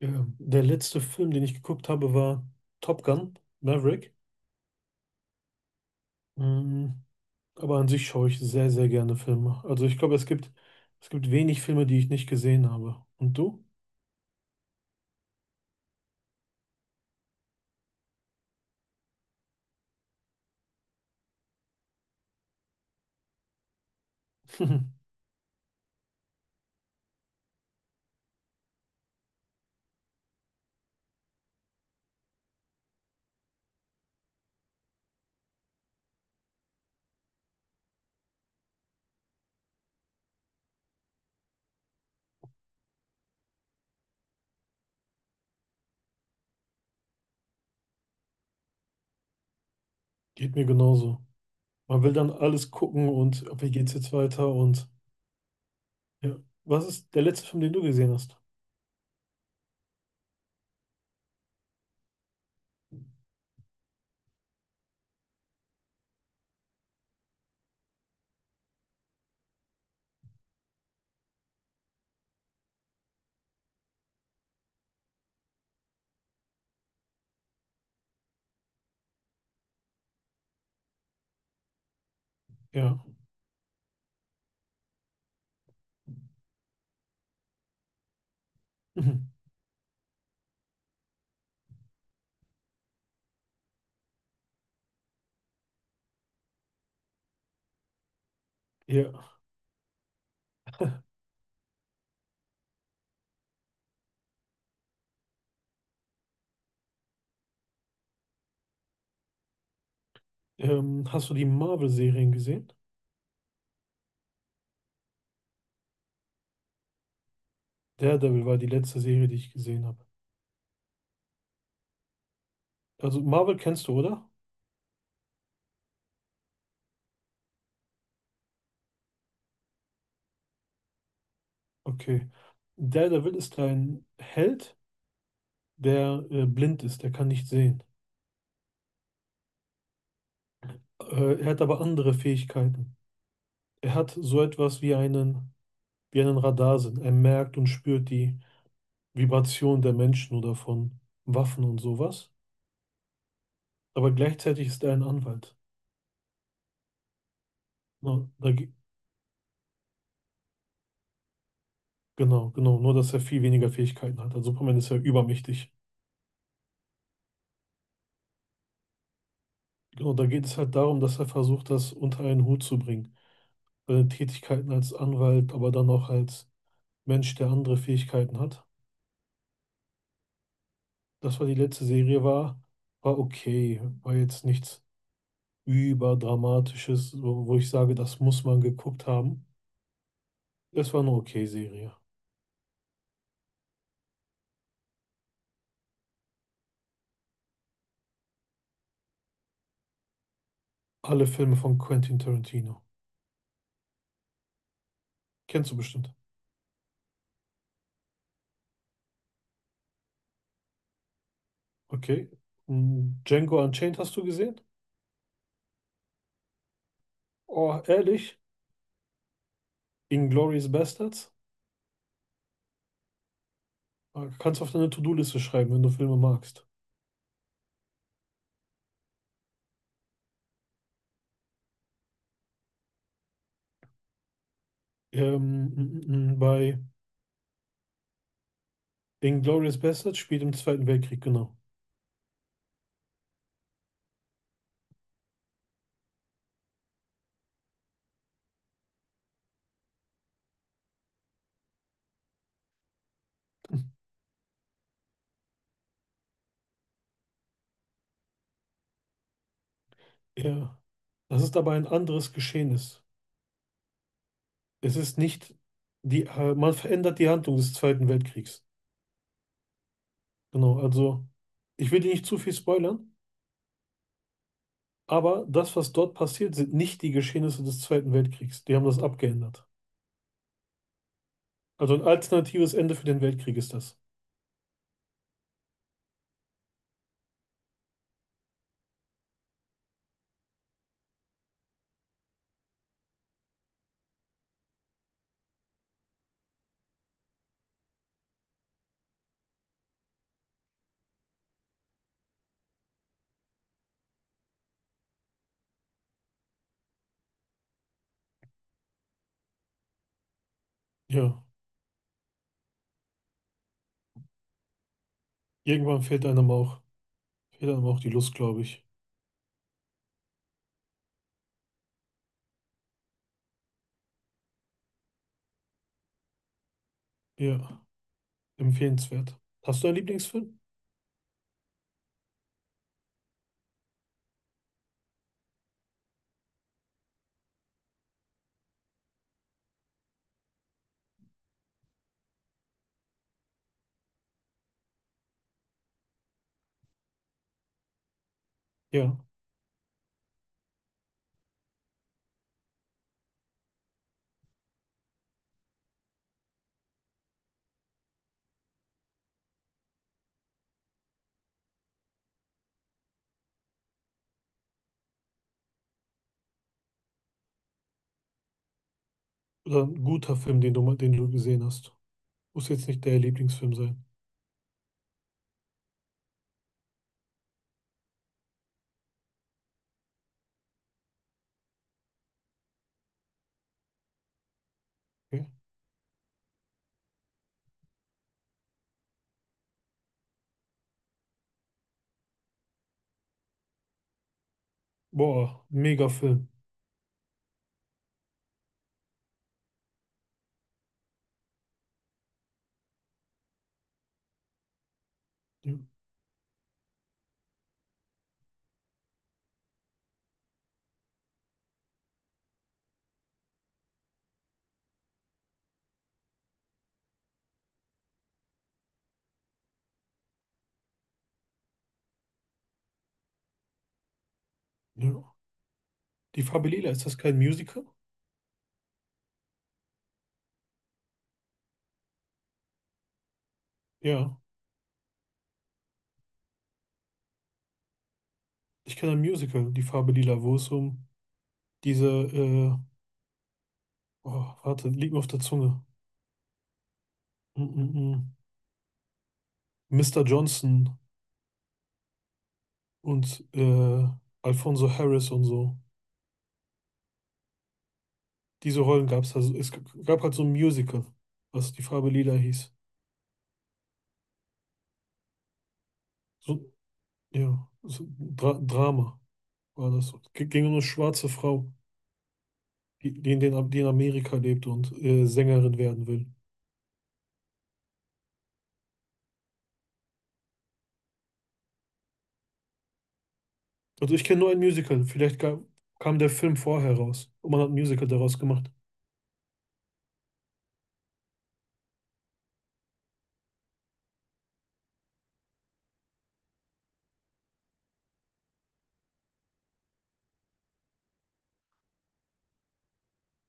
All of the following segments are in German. Ja, der letzte Film, den ich geguckt habe, war Top Gun, Maverick. Mm, aber an sich schaue ich sehr, sehr gerne Filme. Also ich glaube, es gibt wenig Filme, die ich nicht gesehen habe. Und du? Geht mir genauso. Man will dann alles gucken und okay, wie geht's jetzt weiter und ja. Was ist der letzte Film, den du gesehen hast? Ja. Ja. Hast du die Marvel-Serien gesehen? Daredevil war die letzte Serie, die ich gesehen habe. Also Marvel kennst du, oder? Okay. Daredevil ist ein Held, der blind ist, er kann nicht sehen. Er hat aber andere Fähigkeiten. Er hat so etwas wie einen Radarsinn. Er merkt und spürt die Vibration der Menschen oder von Waffen und sowas. Aber gleichzeitig ist er ein Anwalt. Ne, da, ge- genau, genau. Nur, dass er viel weniger Fähigkeiten hat. Also Superman ist ja übermächtig. Genau, da geht es halt darum, dass er versucht, das unter einen Hut zu bringen. Seine Tätigkeiten als Anwalt, aber dann auch als Mensch, der andere Fähigkeiten hat. Das, was die letzte Serie war, war okay. War jetzt nichts überdramatisches, wo ich sage, das muss man geguckt haben. Es war eine okay Serie. Alle Filme von Quentin Tarantino. Kennst du bestimmt. Okay. Mm, Django Unchained hast du gesehen? Oh, ehrlich? Inglourious Basterds? Ah, kannst du auf deine To-Do-Liste schreiben, wenn du Filme magst. Bei Inglourious Basterds spielt im Zweiten Weltkrieg, genau. Ja. Das ist aber ein anderes Geschehnis. Es ist nicht die, man verändert die Handlung des Zweiten Weltkriegs. Genau, also ich will dir nicht zu viel spoilern, aber das, was dort passiert, sind nicht die Geschehnisse des Zweiten Weltkriegs. Die haben das abgeändert. Also ein alternatives Ende für den Weltkrieg ist das. Ja, irgendwann fehlt einem auch die Lust, glaube ich. Ja, empfehlenswert. Hast du einen Lieblingsfilm? Ja, oder ein guter Film, den du, mal- den du gesehen hast. Muss jetzt nicht der Lieblingsfilm sein. Okay. Boah, mega Film. Ja, ja. Die Farbe Lila, ist das kein Musical? Ja, ich kenne ein Musical, Die Farbe Lila, wo es um diese, äh, oh, warte, liegt mir auf der Zunge. Mm -mm. Mm. Mr. Johnson und Alfonso Harris und so. Diese Rollen gab es also. Es g- gab halt so ein Musical, was Die Farbe Lila hieß. So, ja, so ein Drama war das. G- Ging um eine schwarze Frau, die in Amerika lebt und Sängerin werden will. Also ich kenne nur ein Musical. Vielleicht ga- kam der Film vorher raus und man hat ein Musical daraus gemacht.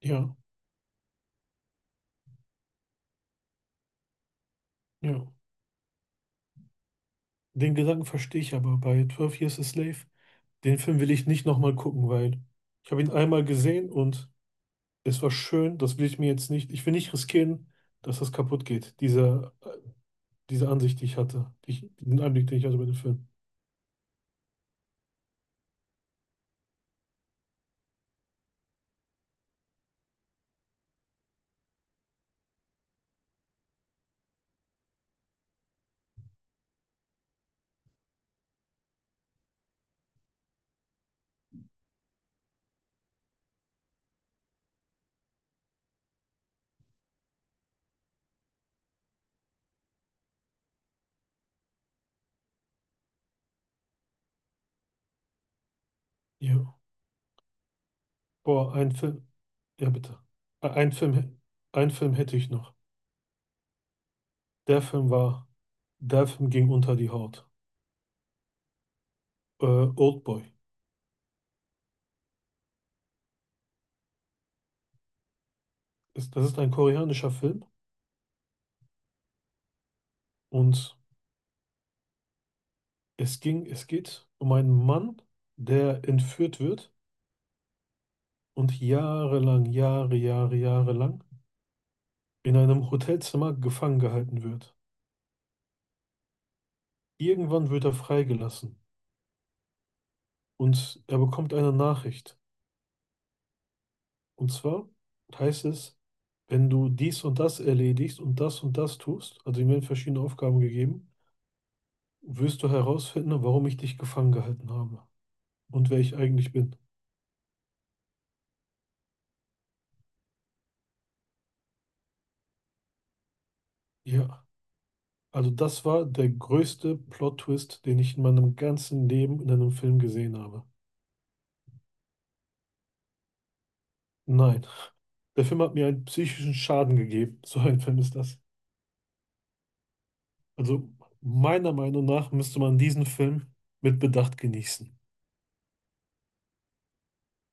Ja, ja. Den Gedanken verstehe ich aber bei 12 Years a Slave. Den Film will ich nicht nochmal gucken, weil ich habe ihn einmal gesehen und es war schön. Das will ich mir jetzt nicht. Ich will nicht riskieren, dass das kaputt geht. Diese, diese Ansicht, die ich hatte. Die ich, den Einblick, den ich hatte bei dem Film. Ja. Boah, ein Film. Ja, bitte. Ein Film, ein Film hätte ich noch. Der Film war, der Film ging unter die Haut. Äh, Oldboy. Das ist ein koreanischer Film und es geht um einen Mann, der entführt wird und jahrelang, Jahre, Jahre, Jahre lang in einem Hotelzimmer gefangen gehalten wird. Irgendwann wird er freigelassen und er bekommt eine Nachricht. Und zwar heißt es, wenn du dies und das erledigst und das tust, also ihm werden verschiedene Aufgaben gegeben, wirst du herausfinden, warum ich dich gefangen gehalten habe und wer ich eigentlich bin. Ja. Also das war der größte Plot-Twist, den ich in meinem ganzen Leben in einem Film gesehen habe. Nein, der Film hat mir einen psychischen Schaden gegeben. So ein Film ist das. Also meiner Meinung nach müsste man diesen Film mit Bedacht genießen.